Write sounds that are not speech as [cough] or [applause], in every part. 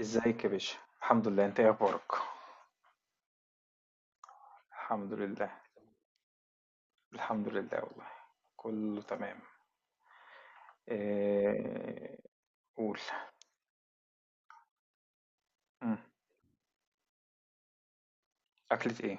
ازيك يا باشا، الحمد لله. انت ايه اخبارك؟ الحمد لله. الحمد لله والله. كله تمام. إيه... قول. مم. اكلة ايه؟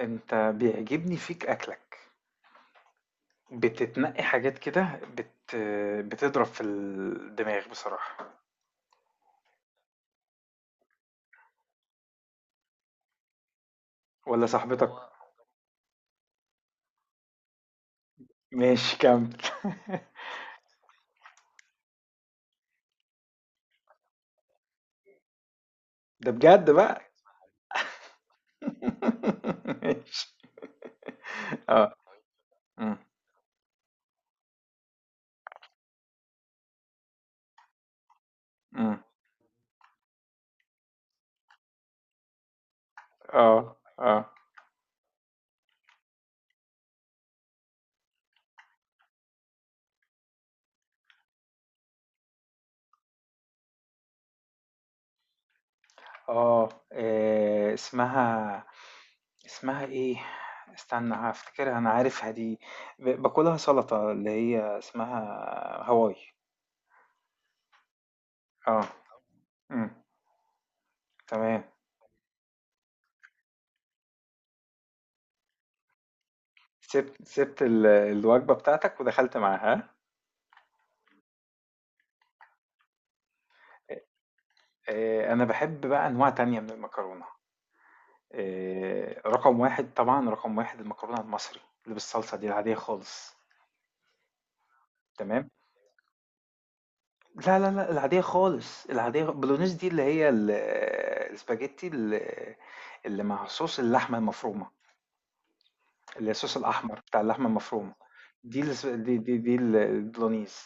انت بيعجبني فيك اكلك. بتتنقي حاجات كده بت... بتضرب في الدماغ بصراحة. ولا صاحبتك هو- ماشي، كمل. [laughs] ده بجد بقى. [laughs] ماشي. اه. مم. مم. اه، اه، اه. إيه... اسمها اسمها إيه؟ استنى هافتكرها، أنا عارفها دي. باكلها سلطة اللي هي اسمها هواي. آه، إمم، تمام. سِبت الوجبة بتاعتك ودخلت معاها، ها؟ أنا باحب بقى أنواع تانية من المكرونة، رقم 1 طبعًا، رقم 1 المكرونة المصري اللي بالصلصة دي العادية خالص، تمام؟ لا، لا، لا، العادية خالص، العادية البولونيز دي اللي هي الspaghetti، اللي مع صوص اللحمة المفرومة. الصوص الأحمر بتاع اللحمة المفرومة دي. البولونيز.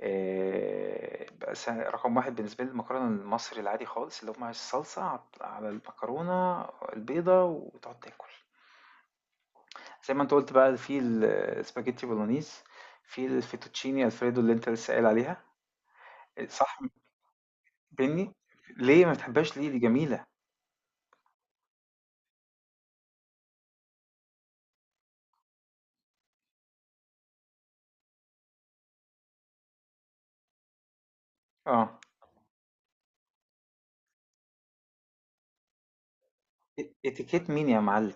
آه، بقى رقم واحد بالنسبة لي المكرونة المصري العادي خالص اللي هو مع الصلصة على المكرونة البيضة، وتقعد تاكل زي ما انت قلت بقى في السباجيتي بولونيز، في الفيتوتشيني الفريدو اللي انت لسه قايل عليها. صح، بني. ليه ما بتحبهاش ليه؟ دي جميلة. اه. اتيكيت مين يا معلم؟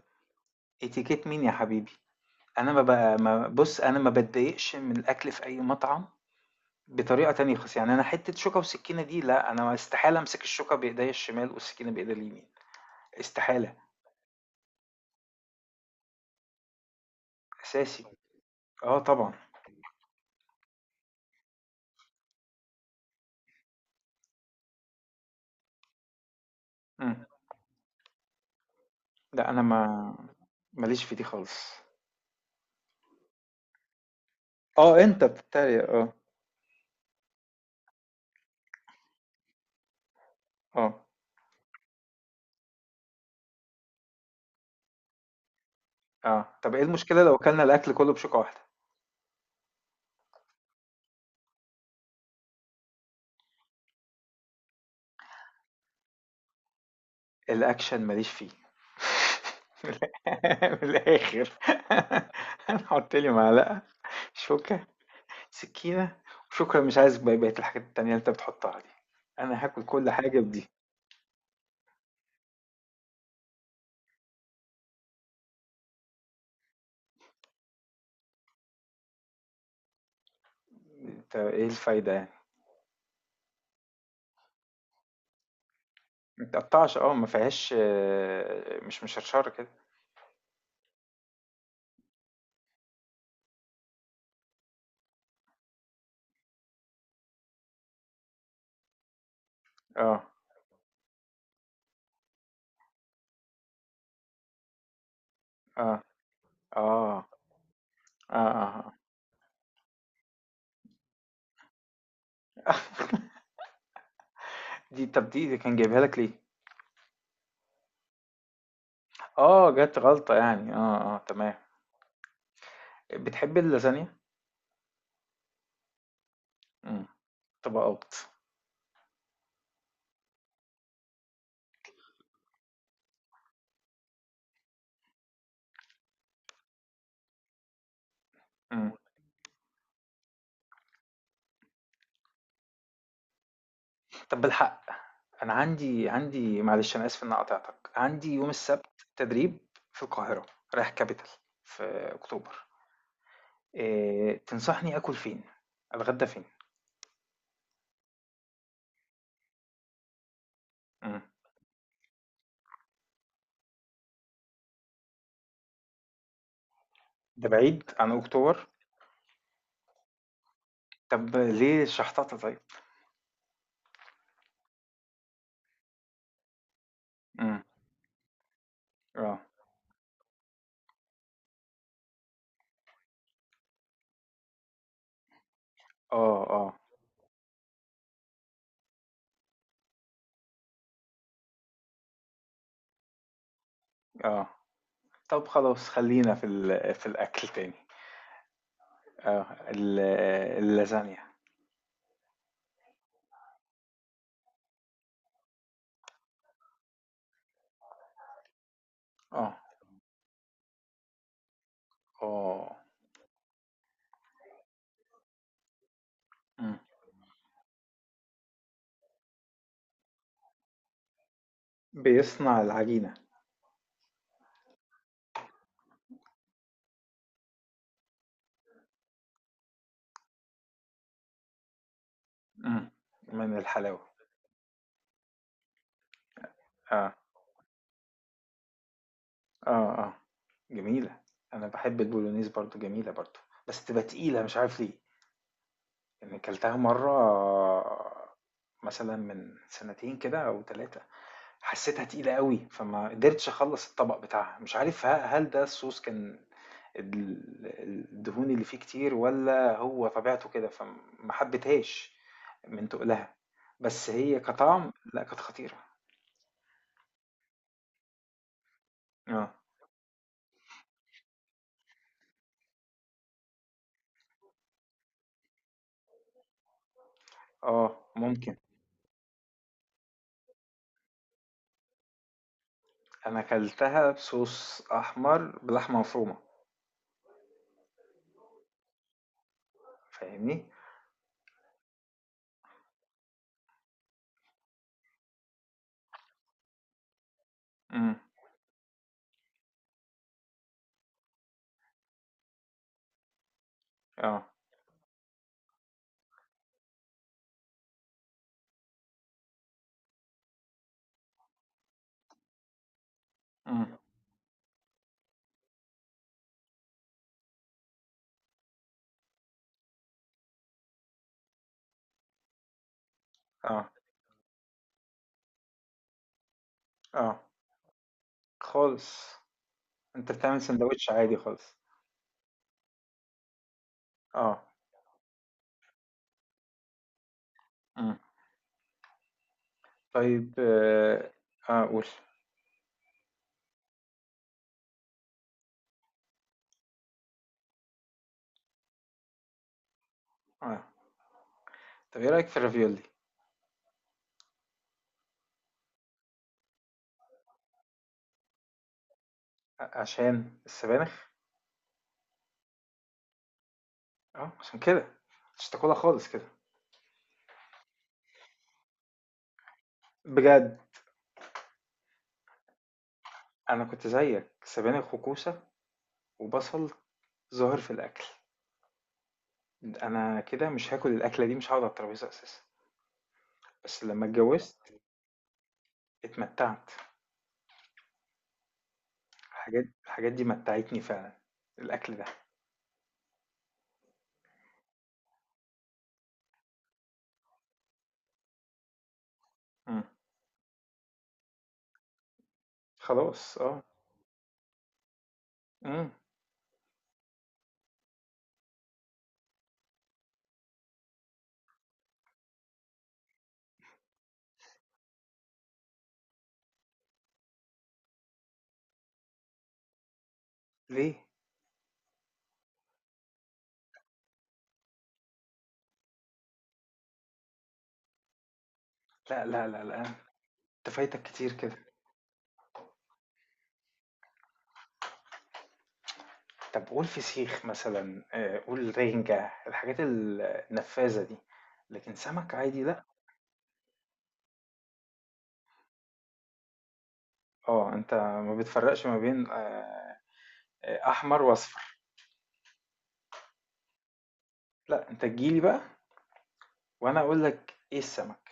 اتيكيت مين يا حبيبي؟ انا ما بقى ما بص، انا ما بتضايقش من الاكل في اي مطعم بطريقة تانية خالص. يعني أنا حتة شوكة وسكينة دي لأ، أنا استحالة أمسك الشوكة بإيديا الشمال والسكينة بإيديا اليمين، استحالة. أساسي، آه طبعًا. إمم، لأ أنا ما ماليش في دي خالص. آه، أنت بتتريق، آه، آه، آه. طب إيه المشكلة لو أكلنا الأكل كله بشوكة واحدة؟ الأكشن ماليش فيه. [laughs] من الآخر. [laughs] حُط لي معلقة، شوكة، سكينة، وشكرًا. مش عايز بقية الحاجات التانية اللي أنت بتحطها دي، أنا هاكل كل حاجة بدي. أنت إيه الفايدة يعني؟ ما بتقطّعش، آه، ما فيهاش، آه، مش مشرشرة كده، آه، آه، آه، آه، آه، آه. [laughs] دي، طَب دي كان جايبها لك ليه؟ آه، جات غلطة يعني، آه، آه، تمام. بتحب اللازانيا؟ إمم، طبقات، إمم. طَب بالحق، أنا عندي معلش أنا آسف إن أنا قاطعتك، عندي يوم السبت تدريب في القاهرة، رايح capital في أكتوبر. تنصحني آكل فين؟ أتغدى فين؟ إمم. ده بعيد عن أكتوبر؟ طب ليه الشحطاطة طيب؟ إمم. آه. آه، آه، آه. طب خلاص خلّينا في في الأكل تاني. آه. اللازانيا. آه. آه. إمم. بيصنع العجينة. إمم. من الحلاوة. آه. آه، آه. جميلة. أنا باحب البولونيز برضه، جميلة برضه، بس تبقى تقيلة مش عارف ليه. يعني كلتها مرّة مثلًا من سنتين كده أو 3. حسيتها تقيلة أوي، فما قدرتش أخلّص الطبق بتاعها، مش عارف هل ده الSauce كان ال الدهون اللي فيه كتير والّا هو طبيعته كده، فما حبيتهاش من تُقلها. بس هي كطعم لأ، كانت خطيرة. آه، آه، ممكن. أنا كلتها بSauce أحمر بلحمة مفرومة، فاهمني؟ إمم، آه، إمم، آه، آه، خالص. أنت بتعمل ساندوتش عادي خالص. آه، إمم. طيب، آه، قُل. آه. قول. آه. طب ايه رأيك في الرافيولي؟ عشان السبانخ؟ اه عشان كده مش تاكلها خالص كده؟ بجد؟ انا كنت زيك، سبانخ وكوسة وبصل ظاهر في الاكل، انا كده مش هاكل الاكلة دي، مش هقعد على الترابيزة اساسا. بس لما اتجوزت، اتمتعت. الحاجات دي متعتني فعلا، الاكل ده. مم. خلاص، اه. مم. ليه؟ لا، لا، لا، لا، انت فايتك كتير كده. طب قول فسيخ مثلًا، قول رنجة، الحاجات النفاذة دي، لكن سمك عادي لأ. آه، أنت ما بتفرّقش ما بين، أحمر وأصفر. لأ أنت تيجي لي بقى وأنا أقول لك إيه السمك.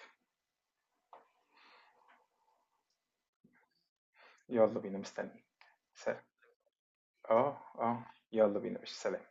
يالّا بينا، مستنّيك. سل. آه، آه. يالّا بينا يا باشا، سلام.